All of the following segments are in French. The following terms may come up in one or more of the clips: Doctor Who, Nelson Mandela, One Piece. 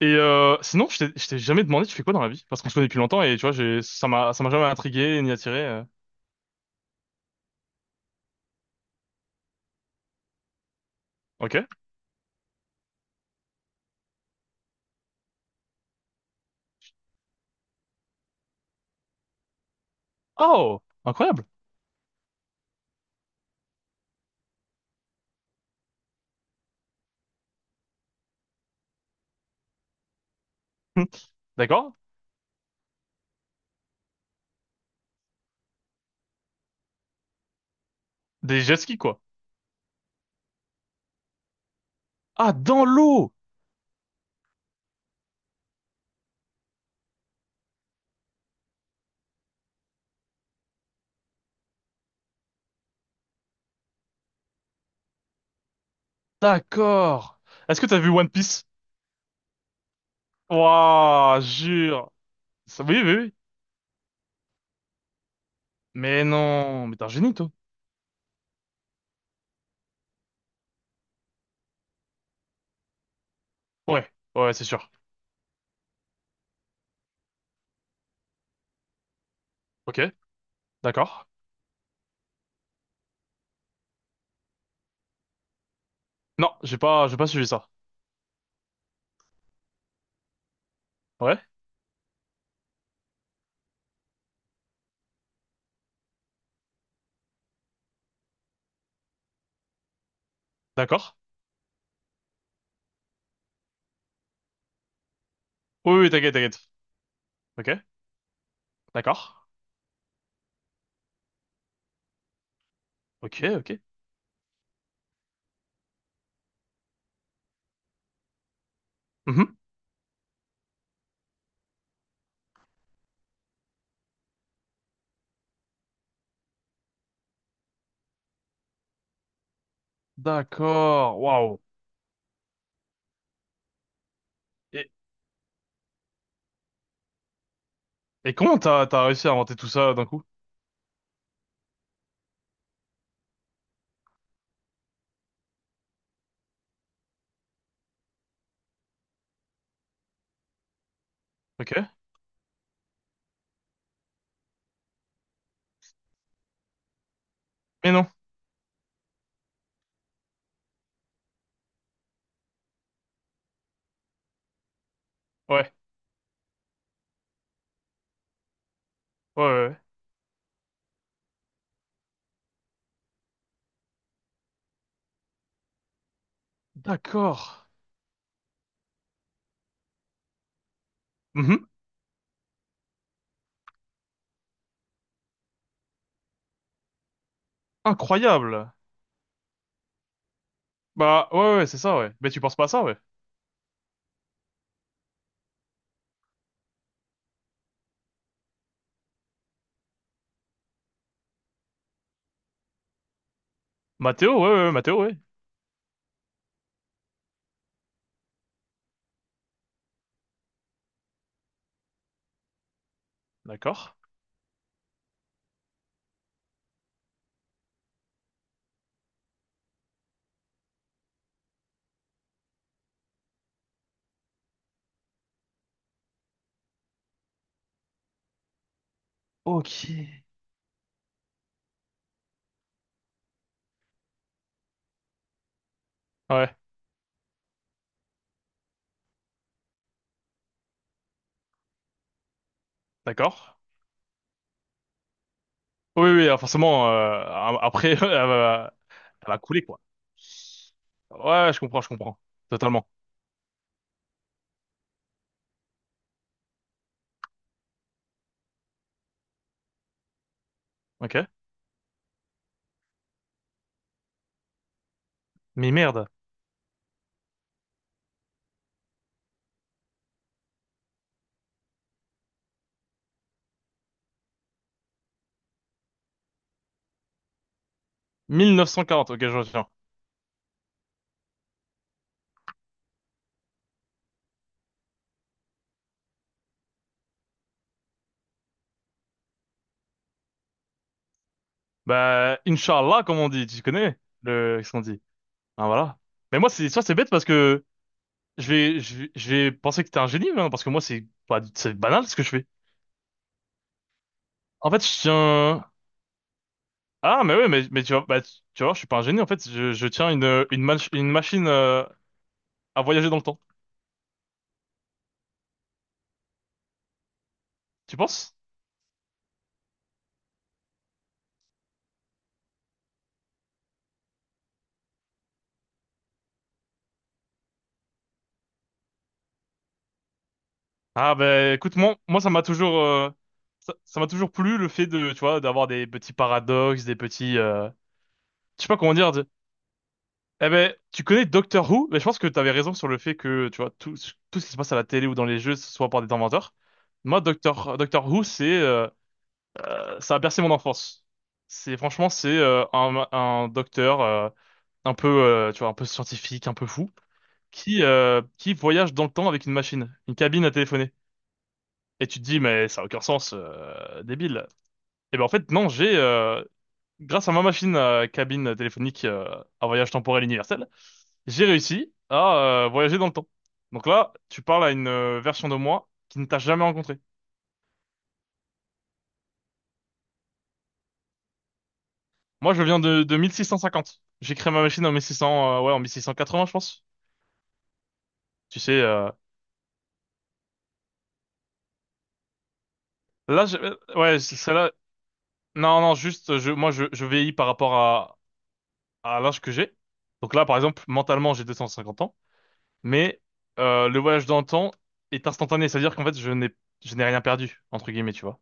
Et sinon, je t'ai jamais demandé, tu fais quoi dans la vie? Parce qu'on se connaît depuis longtemps et tu vois, j'ai, ça m'a jamais intrigué ni attiré. Ok. Oh, incroyable. D'accord. Des jet skis, quoi. Ah, dans l'eau! D'accord. Est-ce que t'as vu One Piece? Waouh, jure. Ça- oui, oui, oui. Mais non, mais t'es un génie, toi. Ouais, ouais, c'est sûr. Ok, d'accord. Non, j'ai pas suivi ça. Ouais, d'accord. Oui, oui, t'inquiète, t'inquiète. Ok, d'accord. Ok, ok. Mhm. D'accord. Waouh. Et comment t'as réussi à inventer tout ça d'un coup? Ok. Mais non. Ouais. Ouais, ouais, ouais. D'accord. Mhm. Incroyable. Bah ouais, ouais, c'est ça, ouais. Mais tu penses pas à ça, ouais. Mathéo, ouais, ouais, ouais, Mathéo, ouais. D'accord. Ok. Ouais. D'accord. Oui, oui, alors forcément après elle va couler quoi. Ouais, je comprends. Totalement. Ok. Mais merde. 1940, ok, je retiens. Bah Inch'Allah, comme on dit, tu connais, le ce qu'on dit. Ah voilà. Mais moi, c'est ça, c'est bête parce que je vais, je vais penser que t'es un génie, hein, parce que moi, c'est pas, c'est banal ce que je fais. En fait, je tiens. Ah, mais ouais, mais tu vois, bah, tu vois, je suis pas un génie. En fait, je tiens une machine à voyager dans le temps. Tu penses? Ah, ben, écoute, moi, ça m'a toujours, ça, ça m'a toujours plu le fait de, tu vois, d'avoir des petits paradoxes, des petits, je sais pas comment dire. De- eh ben, tu connais Doctor Who? Mais je pense que t'avais raison sur le fait que, tu vois, tout, tout ce qui se passe à la télé ou dans les jeux, ce soit par des inventeurs. Moi, Doctor Who, c'est ça a bercé mon enfance. C'est franchement, c'est un docteur un peu tu vois, un peu scientifique, un peu fou qui voyage dans le temps avec une machine, une cabine à téléphoner. Et tu te dis mais ça a aucun sens, débile. Et ben en fait non, j'ai grâce à ma machine à cabine téléphonique à voyage temporel universel, j'ai réussi à voyager dans le temps. Donc là, tu parles à une version de moi qui ne t'a jamais rencontré. Moi, je viens de 1650. J'ai créé ma machine en 1600, ouais, en 1680, je pense. Tu sais, là, je- ouais, c- celle-là, non, non, juste, moi, je vieillis par rapport à l'âge que j'ai. Donc là, par exemple, mentalement, j'ai 250 ans, mais le voyage dans le temps est instantané, c'est-à-dire qu'en fait, je n'ai rien perdu, entre guillemets, tu vois.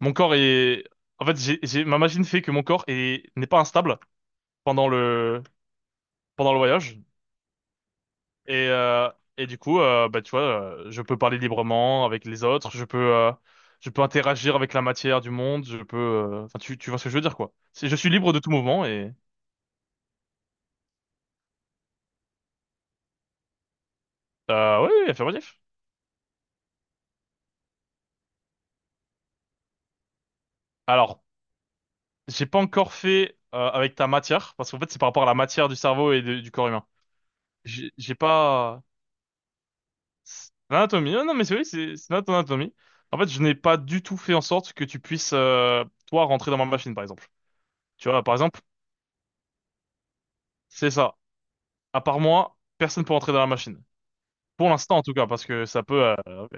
Mon corps est, en fait, ma machine fait que n'est pas instable pendant le, pendant le voyage. Et, euh, et du coup, bah, tu vois, je peux parler librement avec les autres, je peux interagir avec la matière du monde, enfin, tu vois ce que je veux dire, quoi. C'est- Je suis libre de tout mouvement et, oui, oui, affirmatif. Alors, j'ai pas encore fait, avec ta matière, parce qu'en fait, c'est par rapport à la matière du cerveau et de- du corps humain. J'ai pas, c'est l'anatomie, non, non, mais c'est oui, c'est notre anatomie. En fait, je n'ai pas du tout fait en sorte que tu puisses, toi, rentrer dans ma machine, par exemple. Tu vois, par exemple, c'est ça. À part moi, personne peut rentrer dans la machine. Pour l'instant, en tout cas, parce que ça peut...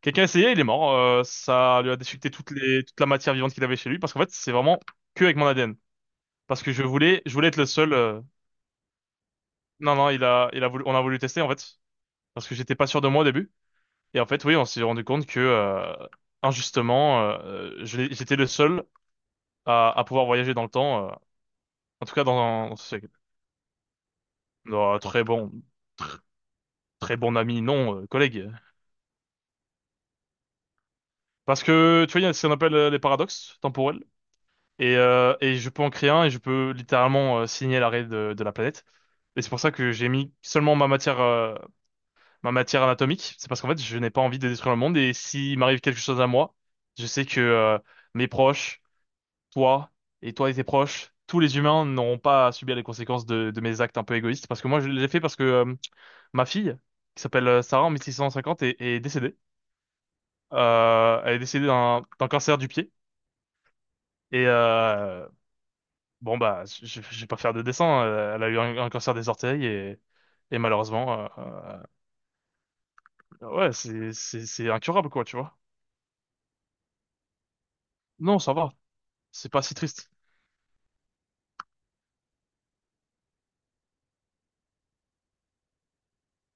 quelqu'un a essayé, il est mort. Ça lui a déchiqueté toutes les... toute la matière vivante qu'il avait chez lui, parce qu'en fait, c'est vraiment que avec mon ADN. Parce que je voulais être le seul... non, non, il a... Il a voulu... on a voulu tester, en fait, parce que j'étais pas sûr de moi au début. Et en fait, oui, on s'est rendu compte que, injustement, j'étais le seul à pouvoir voyager dans le temps, en tout cas dans un... c'est- dans un très tr- très bon ami, non, collègue. Parce que, tu vois, il y a ce qu'on appelle les paradoxes temporels. Et je peux en créer un et je peux littéralement signer l'arrêt de la planète. Et c'est pour ça que j'ai mis seulement ma matière anatomique. C'est parce qu'en fait, je n'ai pas envie de détruire le monde. Et s'il m'arrive quelque chose à moi, je sais que mes proches, toi et toi et tes proches, tous les humains n'auront pas à subir les conséquences de mes actes un peu égoïstes. Parce que moi, je l'ai fait parce que ma fille, qui s'appelle Sarah en 1650, est, est décédée. Elle est décédée d'un cancer du pied. Et, bon bah, je vais pas faire de dessin. Elle a eu un cancer des orteils et malheureusement, ouais, c'est c'est incurable quoi, tu vois. Non, ça va. C'est pas si triste.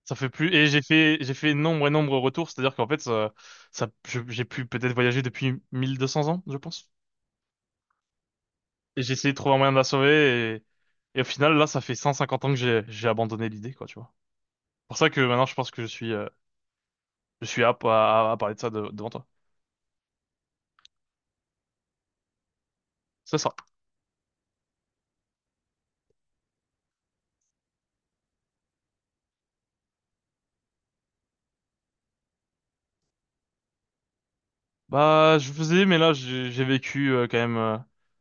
Ça fait plus. Et j'ai fait nombre et nombre de retours. C'est-à-dire qu'en fait, j'ai pu peut-être voyager depuis 1200 ans, je pense. Et j'ai essayé de trouver un moyen de la sauver et au final là, ça fait 150 ans que j'ai abandonné l'idée quoi, tu vois. Pour ça que maintenant, je pense que je suis apte à, à parler de ça devant toi. C'est ça. Bah, je faisais, mais là, j'ai vécu quand même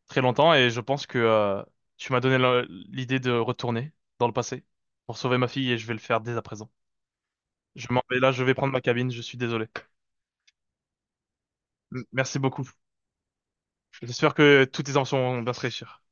très longtemps et je pense que tu m'as donné l'idée de retourner dans le passé pour sauver ma fille et je vais le faire dès à présent. Je m'en vais là, je vais prendre ma cabine, je suis désolé. M- Merci beaucoup. J'espère que toutes tes enfants vont bien se réussir.